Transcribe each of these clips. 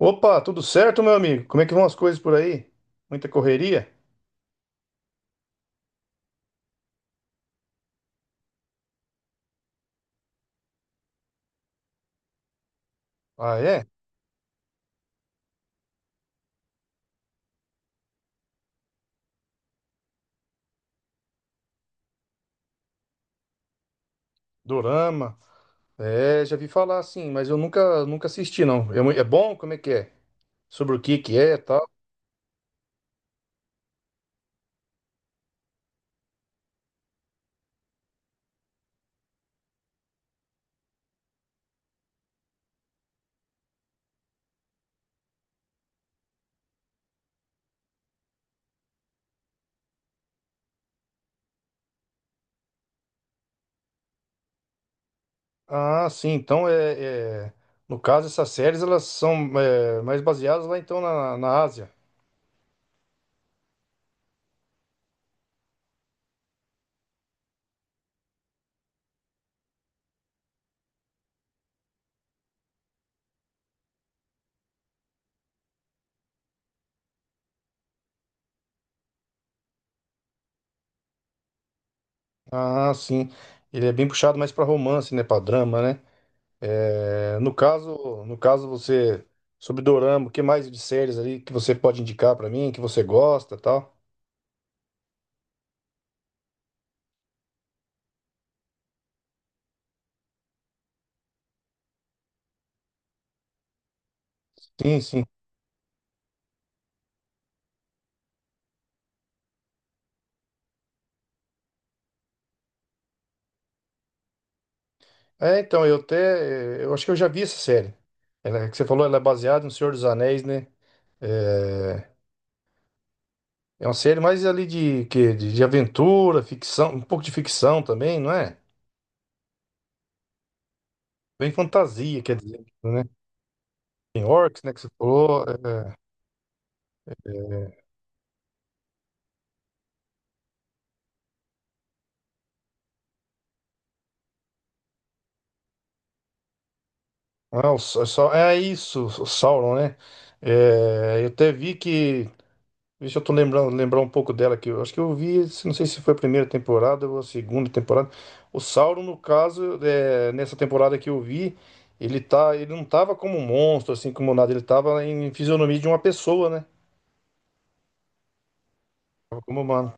Opa, tudo certo, meu amigo? Como é que vão as coisas por aí? Muita correria? Ah, é? Dorama. É, já vi falar assim, mas eu nunca assisti, não. É, é bom? Como é que é? Sobre o que que é e tal? Ah, sim. Então, no caso, essas séries, elas são mais baseadas lá, então, na Ásia. Ah, sim. Ele é bem puxado mais para romance, né? Para drama, né? É, no caso, você... Sobre Dorama, o que mais de séries ali que você pode indicar para mim, que você gosta e tal? Sim, sim. É, então, eu até. Eu acho que eu já vi essa série. Ela, é que você falou, ela é baseada no Senhor dos Anéis, né? É, é uma série mais ali de aventura, ficção, um pouco de ficção também, não é? Bem fantasia, quer dizer, né? Tem orcs, né, que você falou. É, ah, é isso, o Sauron, né? É, eu até vi que. Deixa eu tô lembrar um pouco dela aqui. Eu acho que eu vi, não sei se foi a primeira temporada ou a segunda temporada. O Sauron, no caso, nessa temporada que eu vi, ele não tava como um monstro, assim, como nada. Ele tava em fisionomia de uma pessoa, né? Tava como humano.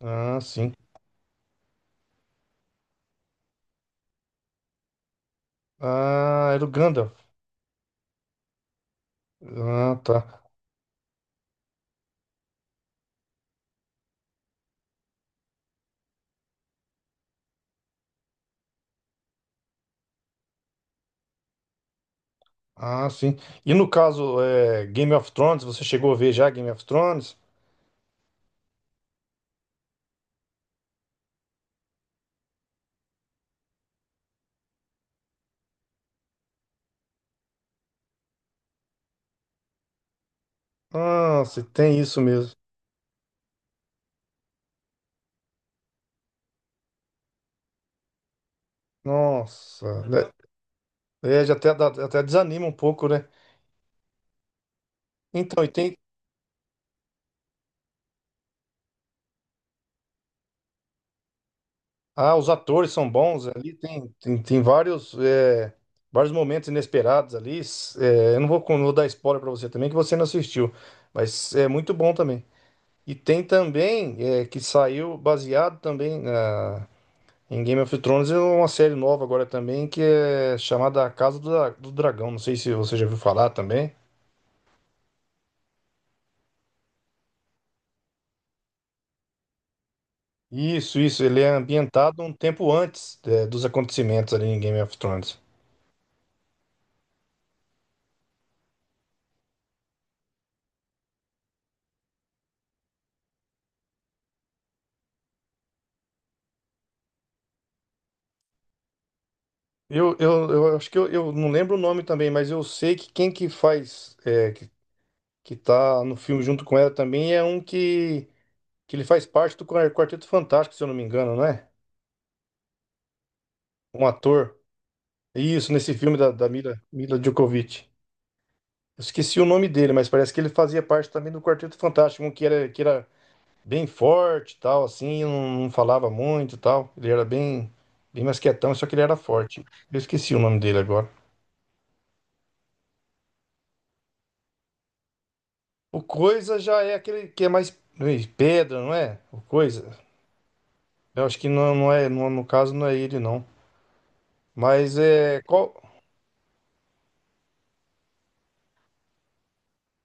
Ah, sim. Ah, era o Gandalf. Ah, tá. Ah, sim. E no caso, Game of Thrones, você chegou a ver já Game of Thrones? Nossa, tem isso mesmo. Nossa, né? É, já até, até desanima um pouco, né? Então, e tem, ah, os atores são bons ali, tem vários, vários momentos inesperados ali. Eu não vou, não vou dar spoiler pra você também, que você não assistiu, mas é muito bom também. E tem também, que saiu baseado também em Game of Thrones, é uma série nova agora também, que é chamada A Casa do Dragão. Não sei se você já ouviu falar também. Isso, ele é ambientado um tempo antes, dos acontecimentos ali em Game of Thrones. Eu acho que eu não lembro o nome também, mas eu sei que quem que faz, que tá no filme junto com ela também é um que ele faz parte do Quarteto Fantástico, se eu não me engano, não é? Um ator. Isso, nesse filme da Mila Djokovic. Eu esqueci o nome dele, mas parece que ele fazia parte também do Quarteto Fantástico, um que era bem forte e tal, assim, não falava muito e tal. Ele era bem mais quietão, só que ele era forte. Eu esqueci o nome dele agora. O coisa já é aquele que é mais ei, pedra, não é? O coisa. Eu acho que não, não é, no caso não é ele, não. Mas é. Qual.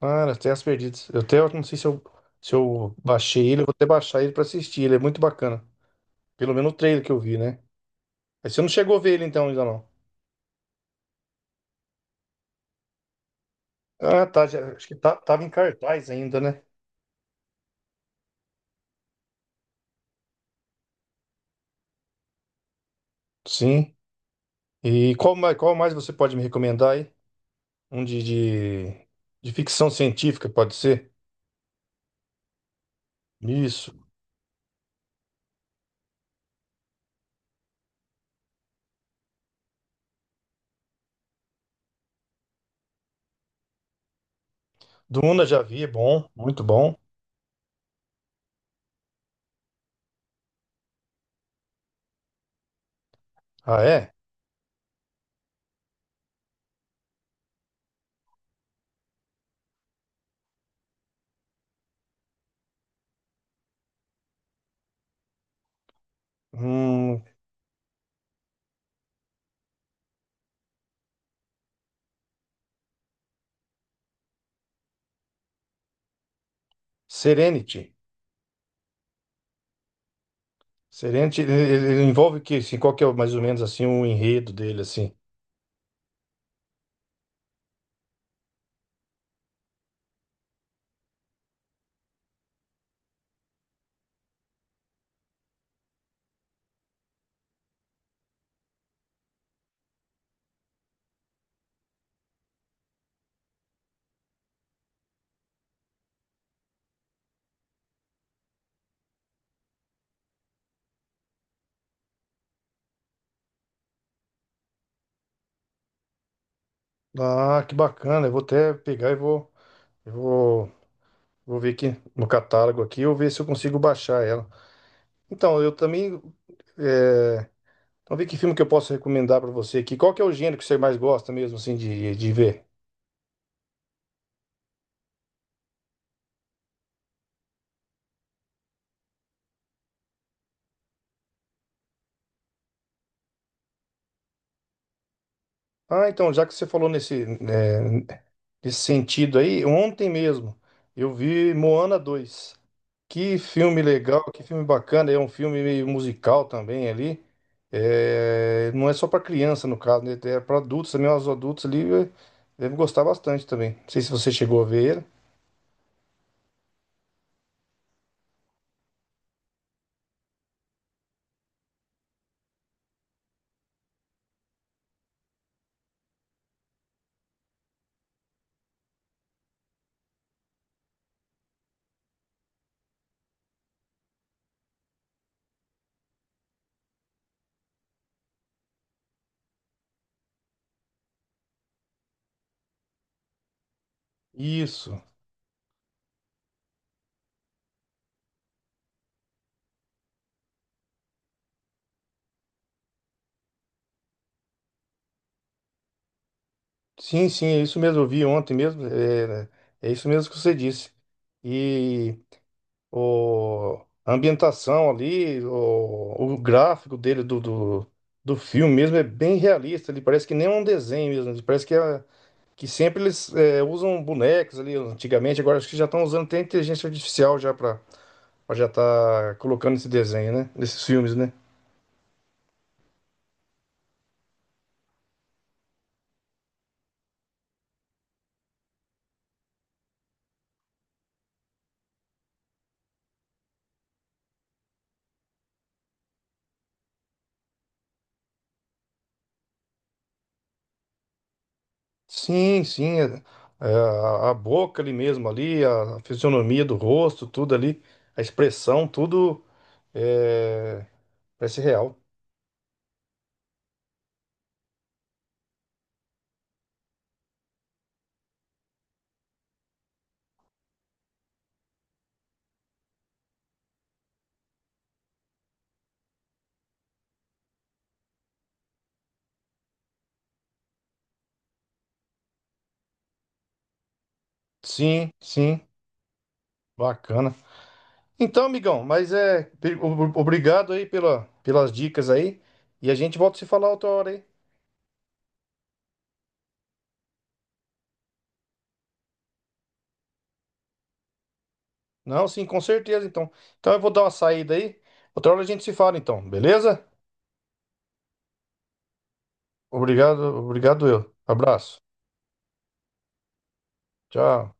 Ah, Terras Perdidas. Eu até eu não sei se eu baixei ele, eu vou até baixar ele pra assistir. Ele é muito bacana. Pelo menos o trailer que eu vi, né? Aí você não chegou a ver ele então ainda não. Ah, tá. Acho que tava em cartaz ainda, né? Sim. E qual mais você pode me recomendar aí? Um de ficção científica, pode ser? Isso. Duna já vi, é bom, muito bom. Ah, é? Hum, Serenity. Serenity, ele envolve o quê? Assim, qual que é mais ou menos assim o enredo dele, assim? Ah, que bacana. Eu vou até pegar e eu vou, vou ver aqui no catálogo aqui, eu ver se eu consigo baixar ela. Então, eu também, é, vamos ver que filme que eu posso recomendar pra você aqui. Qual que é o gênero que você mais gosta mesmo, assim, de ver? Ah, então, já que você falou nesse sentido aí, ontem mesmo eu vi Moana 2. Que filme legal, que filme bacana. É um filme meio musical também ali. É, não é só para criança, no caso, né? É para adultos também. Os adultos ali devem gostar bastante também. Não sei se você chegou a ver ele. Isso. Sim, sim, é isso mesmo. Eu vi ontem mesmo. É, é isso mesmo que você disse. E a ambientação ali, o gráfico dele do filme mesmo é bem realista. Ele parece que nem é um desenho mesmo. Parece que é, que sempre eles usam bonecos ali antigamente, agora acho que já estão usando até inteligência artificial já para já tá colocando esse desenho, né? Nesses filmes, né? Sim, sim, a boca ali mesmo ali, a fisionomia do rosto, tudo ali, a expressão, tudo é, parece real. Sim, sim, bacana. Então, amigão, mas obrigado aí pelas dicas aí, e a gente volta a se falar outra hora aí. Não, sim, com certeza, então. Então eu vou dar uma saída aí. Outra hora a gente se fala, então, beleza? Obrigado, obrigado eu. Abraço. Tchau.